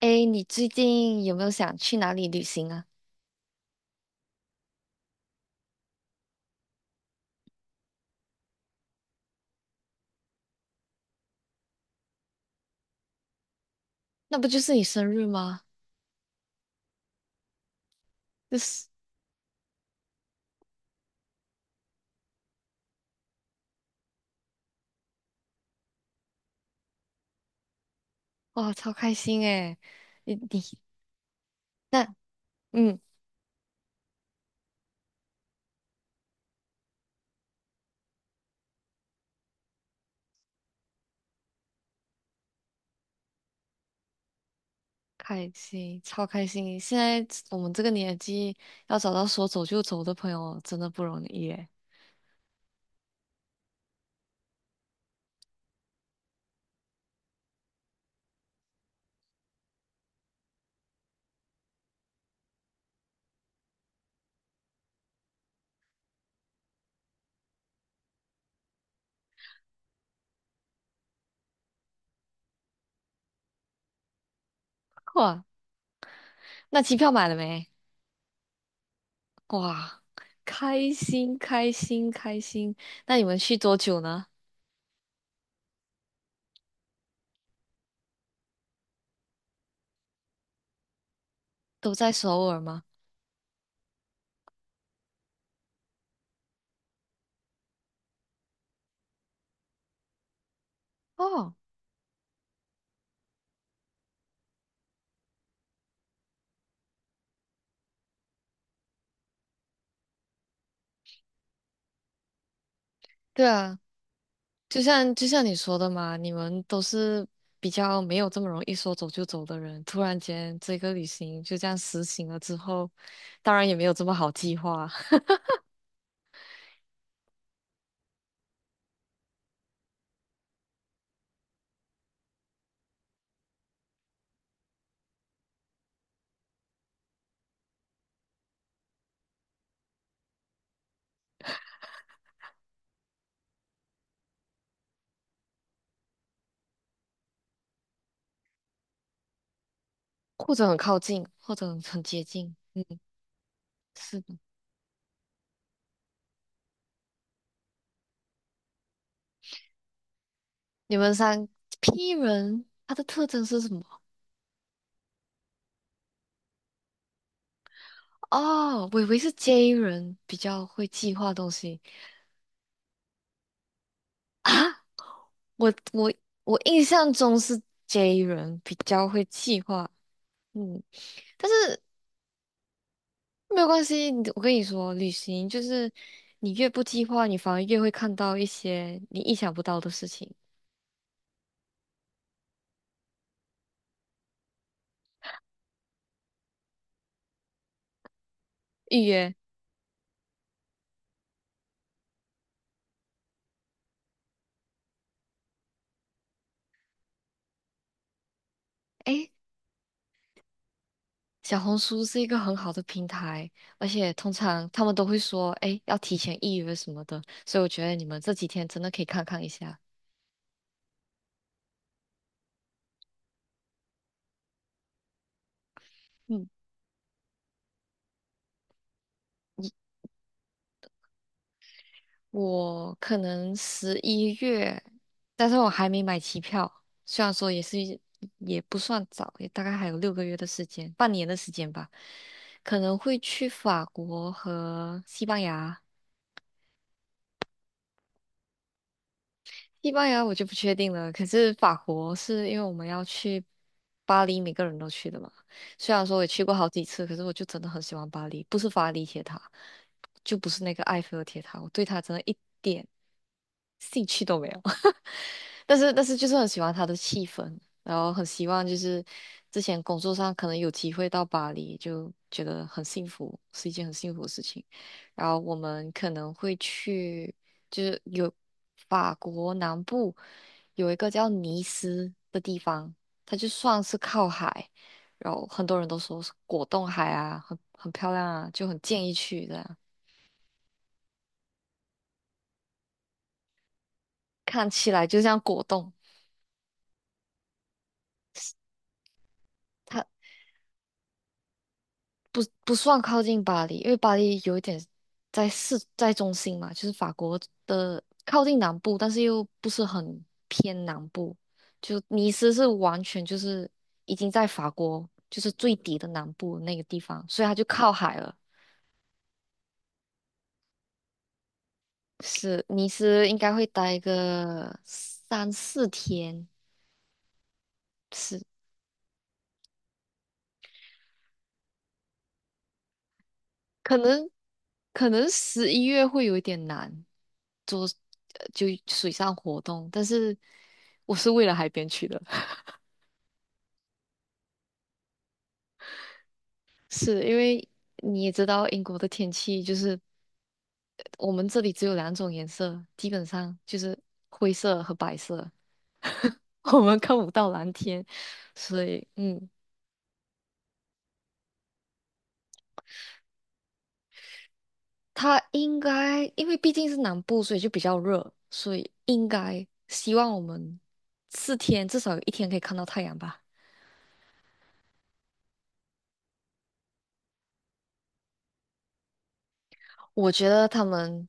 哎，你最近有没有想去哪里旅行啊？那不就是你生日吗？就是哇，超开心哎！你那，嗯，开心，超开心！现在我们这个年纪要找到说走就走的朋友真的不容易哎。哇，那机票买了没？哇，开心开心开心！那你们去多久呢？都在首尔吗？哦，对啊，就像你说的嘛，你们都是比较没有这么容易说走就走的人，突然间这个旅行就这样实行了之后，当然也没有这么好计划，或者很靠近，或者很接近。是的，你们三 P 人，他的特征是什么？哦，我以为是 J 人比较会计划东西啊，我我我印象中是 J 人比较会计划，嗯。但是没有关系，我跟你说，旅行就是你越不计划，你反而越会看到一些你意想不到的事情。预约，诶，小红书是一个很好的平台，而且通常他们都会说，诶，要提前预约什么的，所以我觉得你们这几天真的可以看看一下。嗯。我可能十一月，但是我还没买机票。虽然说也不算早，也大概还有6个月的时间，半年的时间吧。可能会去法国和西班牙。西班牙我就不确定了，可是法国是因为我们要去巴黎，每个人都去的嘛。虽然说我也去过好几次，可是我就真的很喜欢巴黎，不是法里铁塔，就不是那个埃菲尔铁塔，我对它真的一点兴趣都没有。但是就是很喜欢它的气氛，然后很希望就是之前工作上可能有机会到巴黎，就觉得很幸福，是一件很幸福的事情。然后我们可能会去，就是有法国南部有一个叫尼斯的地方，它就算是靠海，然后很多人都说是果冻海啊，很漂亮啊，就很建议去的，看起来就像果冻。它。不算靠近巴黎，因为巴黎有一点在中心嘛，就是法国的靠近南部，但是又不是很偏南部。就尼斯是完全就是已经在法国就是最底的南部那个地方，所以它就靠海了。是尼斯应该会待个3、4天，是可能可能十一月会有一点难做，就水上活动，但是我是为了海边去的。是因为你也知道英国的天气就是我们这里只有两种颜色，基本上就是灰色和白色，我们看不到蓝天，所以它应该因为毕竟是南部，所以就比较热，所以应该希望我们四天至少有一天可以看到太阳吧。我觉得他们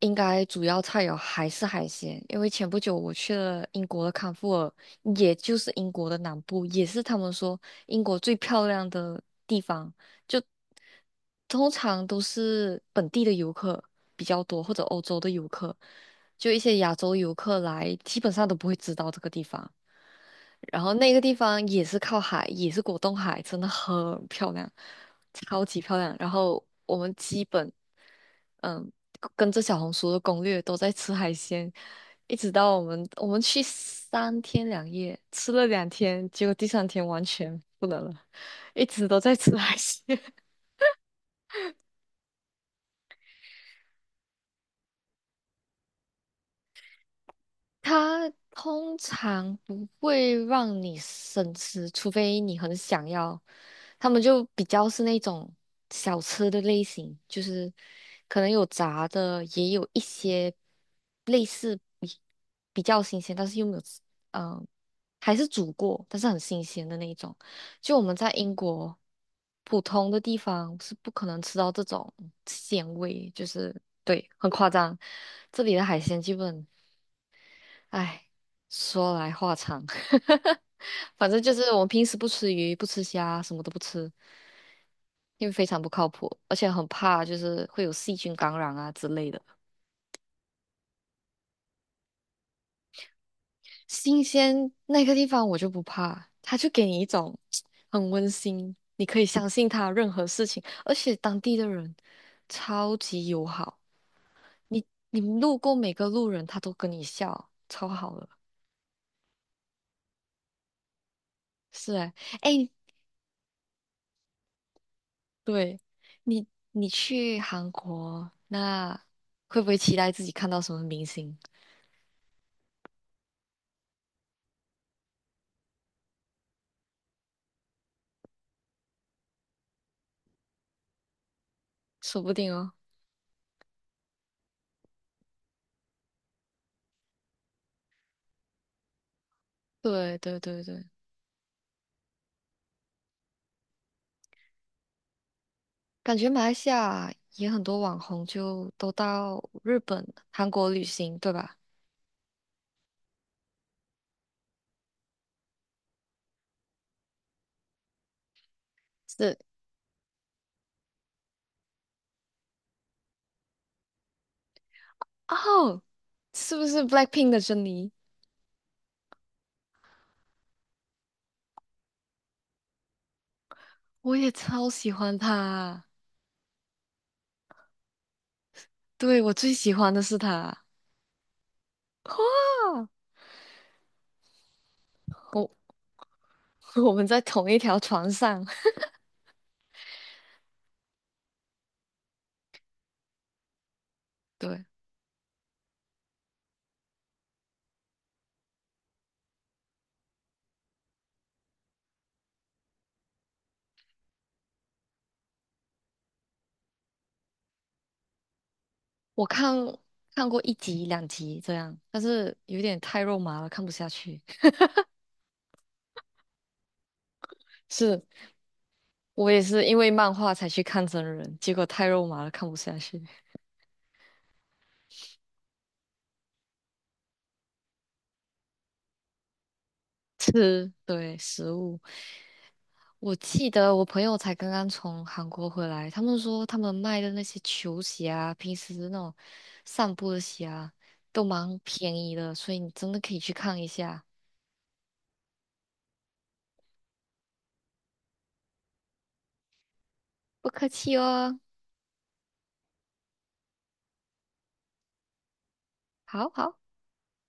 应该主要菜肴还是海鲜，因为前不久我去了英国的康沃尔，也就是英国的南部，也是他们说英国最漂亮的地方，就通常都是本地的游客比较多，或者欧洲的游客，就一些亚洲游客来，基本上都不会知道这个地方。然后那个地方也是靠海，也是果冻海，真的很漂亮，超级漂亮。然后我们基本。嗯，跟着小红书的攻略都在吃海鲜，一直到我们去3天2夜，吃了2天，结果第三天完全不能了，一直都在吃海鲜。它通常不会让你生吃，除非你很想要。他们就比较是那种小吃的类型，就是可能有炸的，也有一些类似比较新鲜，但是又没有吃，嗯、还是煮过，但是很新鲜的那一种。就我们在英国普通的地方是不可能吃到这种鲜味，就是对，很夸张。这里的海鲜基本。哎，说来话长，反正就是我们平时不吃鱼、不吃虾，什么都不吃，因为非常不靠谱，而且很怕就是会有细菌感染啊之类的。新鲜那个地方我就不怕，它就给你一种很温馨，你可以相信他任何事情，而且当地的人超级友好，你路过每个路人他都跟你笑，超好的。是哎，哎，对，你去韩国，那会不会期待自己看到什么明星？说不定哦。对对对对，感觉马来西亚也很多网红就都到日本、韩国旅行，对吧？是，哦，是不是 BLACKPINK 的珍妮？我也超喜欢她，对，我最喜欢的是她。哇，我 我们在同一条船上。对，我看过一集两集这样，但是有点太肉麻了，看不下去。是，我也是因为漫画才去看真人，结果太肉麻了，看不下去。吃，对，食物。我记得我朋友才刚刚从韩国回来，他们说他们卖的那些球鞋啊，平时那种散步的鞋啊，都蛮便宜的，所以你真的可以去看一下。不客气哦，好好。